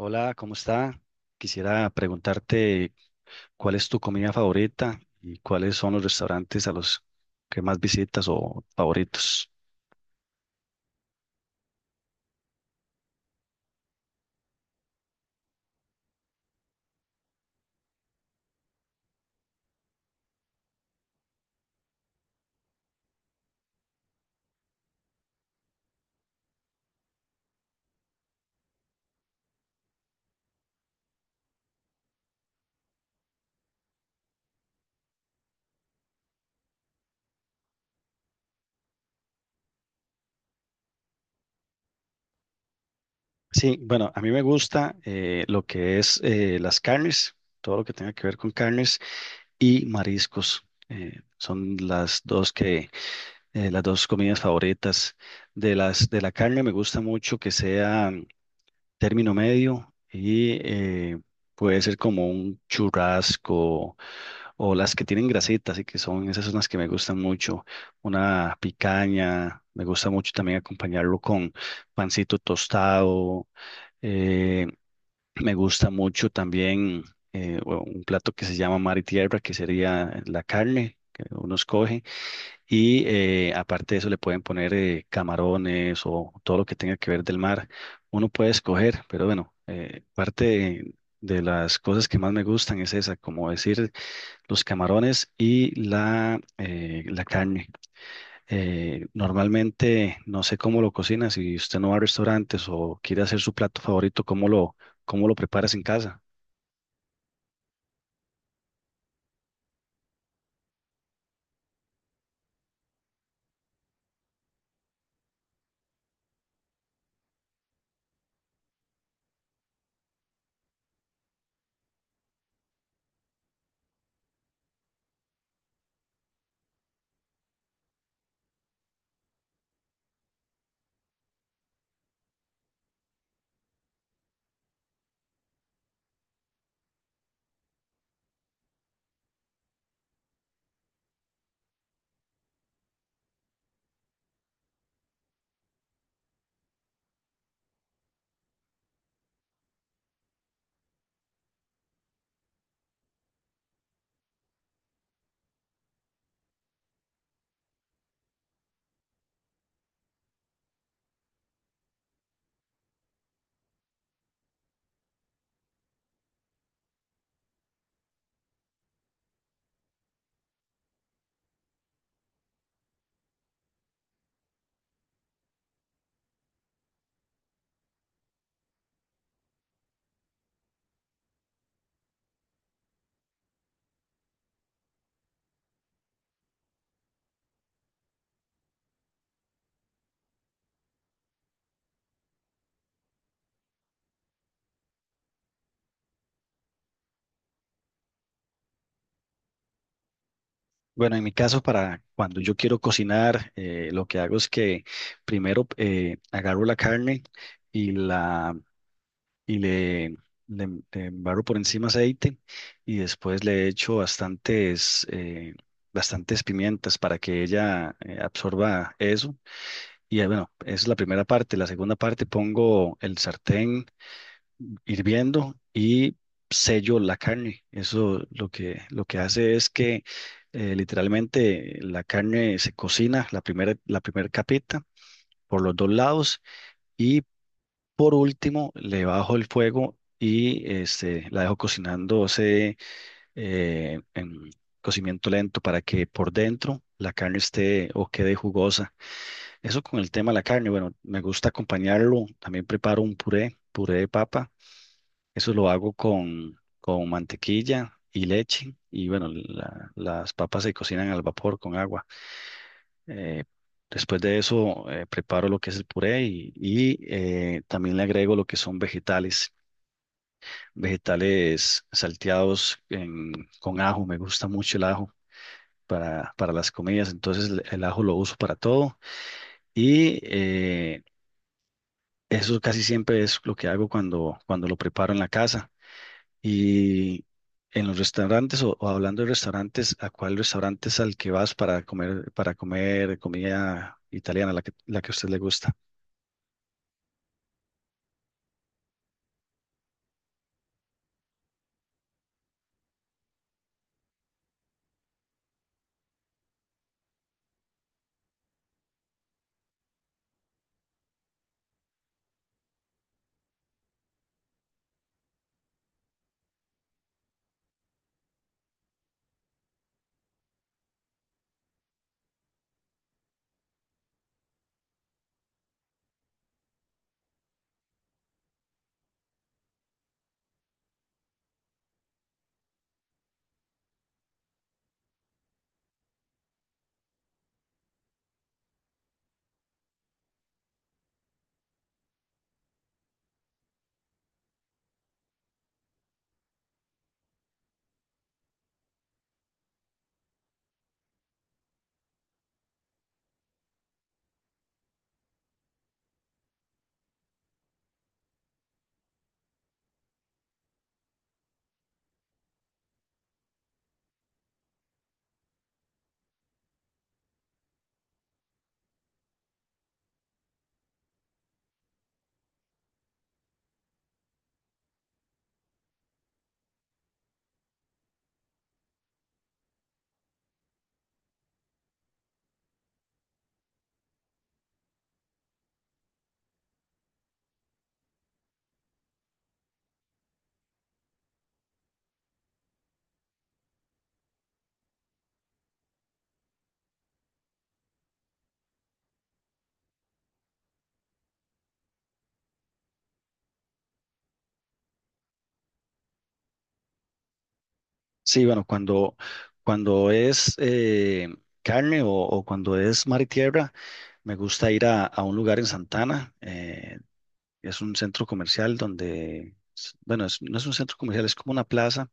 Hola, ¿cómo está? Quisiera preguntarte cuál es tu comida favorita y cuáles son los restaurantes a los que más visitas o favoritos. Sí, bueno, a mí me gusta lo que es las carnes, todo lo que tenga que ver con carnes y mariscos. Son las dos que, Las dos comidas favoritas. De la carne me gusta mucho que sea término medio y, puede ser como un churrasco o las que tienen grasitas y que son, esas son las que me gustan mucho. Una picaña, me gusta mucho también acompañarlo con pancito tostado. eh, Me gusta mucho también, o un plato que se llama mar y tierra, que sería la carne que uno escoge. Y, aparte de eso le pueden poner camarones o todo lo que tenga que ver del mar. Uno puede escoger, pero bueno, parte de las cosas que más me gustan es esa, como decir, los camarones y la, la carne. Normalmente no sé cómo lo cocina, si usted no va a restaurantes o quiere hacer su plato favorito, cómo lo preparas en casa? Bueno, en mi caso, para cuando yo quiero cocinar, lo que hago es que primero agarro la carne y la y le embarro por encima aceite y después le echo bastantes, bastantes pimientas para que ella absorba eso. Y, bueno, esa es la primera parte. La segunda parte, pongo el sartén hirviendo y sello la carne. Eso lo que hace es que, literalmente la carne se cocina, la primera capita por los dos lados y, por último, le bajo el fuego y este, la dejo cocinándose en cocimiento lento para que por dentro la carne esté o quede jugosa. Eso con el tema de la carne. Bueno, me gusta acompañarlo. También preparo un puré, puré de papa. Eso lo hago con mantequilla y leche. Y bueno, las papas se cocinan al vapor con agua. Eh, Después de eso, preparo lo que es el puré y, también le agrego lo que son vegetales, vegetales salteados en- con ajo. Me gusta mucho el ajo para las comidas. Entonces, el ajo lo uso para todo. Y, eso casi siempre es lo que hago cuando, cuando lo preparo en la casa. Y en los restaurantes o hablando de restaurantes, ¿a cuál restaurante es al que vas para comer comida italiana, la que a usted le gusta? Sí, bueno, cuando es carne o cuando es mar y tierra, me gusta ir a un lugar en Santana. Es un centro comercial donde, bueno, no es un centro comercial, es como una plaza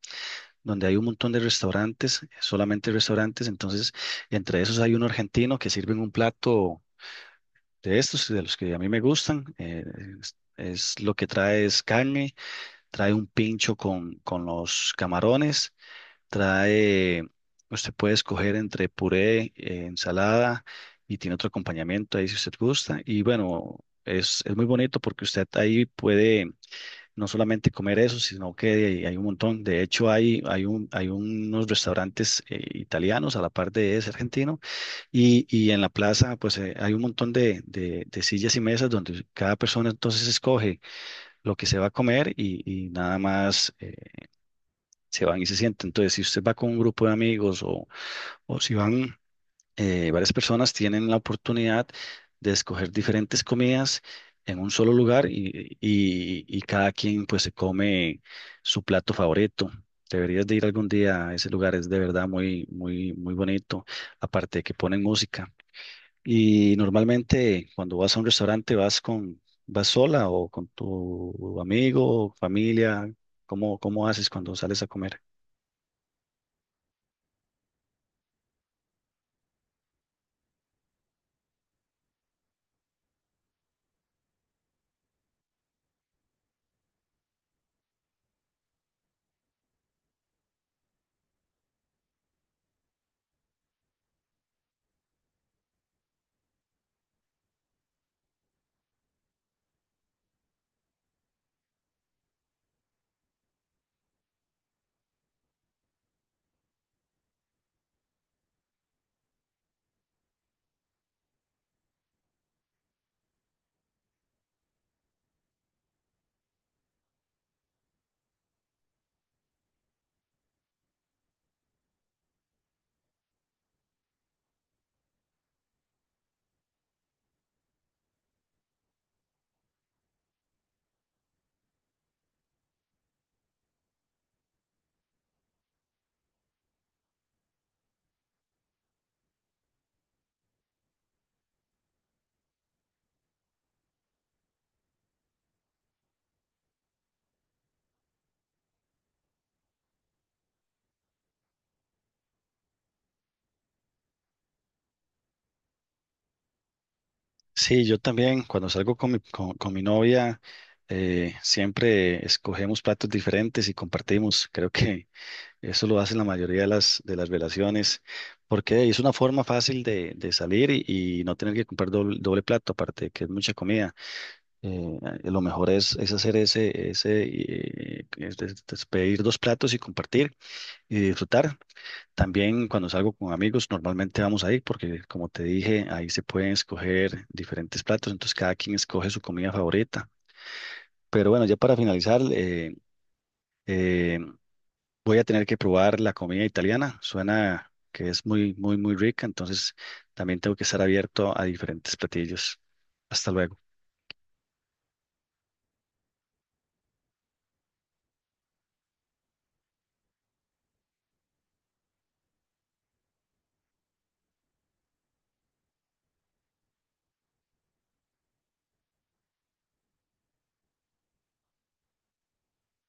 donde hay un montón de restaurantes, solamente restaurantes. Entonces, entre esos hay un argentino que sirve un plato de estos, de los que a mí me gustan. Es lo que trae, es carne, trae un pincho con los camarones, trae, usted puede escoger entre puré, ensalada y tiene otro acompañamiento ahí si usted gusta. Y bueno, es muy bonito porque usted ahí puede no solamente comer eso, sino que hay un montón. De hecho, hay unos restaurantes italianos a la par de ese argentino y en la plaza pues, hay un montón de sillas y mesas donde cada persona entonces escoge lo que se va a comer y nada más, se van y se sienten. Entonces, si usted va con un grupo de amigos o si van, varias personas tienen la oportunidad de escoger diferentes comidas en un solo lugar y, y cada quien pues se come su plato favorito. Deberías de ir algún día a ese lugar, es de verdad muy, muy, muy bonito, aparte de que ponen música. Y normalmente cuando vas a un restaurante vas con, vas sola o con tu amigo, familia, ¿cómo, cómo haces cuando sales a comer? Sí, yo también, cuando salgo con mi novia, siempre escogemos platos diferentes y compartimos. Creo que eso lo hacen la mayoría de las relaciones, porque hey, es una forma fácil de salir y no tener que comprar doble, doble plato, aparte de que es mucha comida. Eh, lo mejor es hacer ese, ese, es pedir dos platos y compartir y disfrutar. También cuando salgo con amigos, normalmente vamos ahí porque, como te dije, ahí se pueden escoger diferentes platos, entonces cada quien escoge su comida favorita. Pero bueno, ya para finalizar, eh, voy a tener que probar la comida italiana. Suena que es muy, muy, muy rica, entonces también tengo que estar abierto a diferentes platillos. Hasta luego.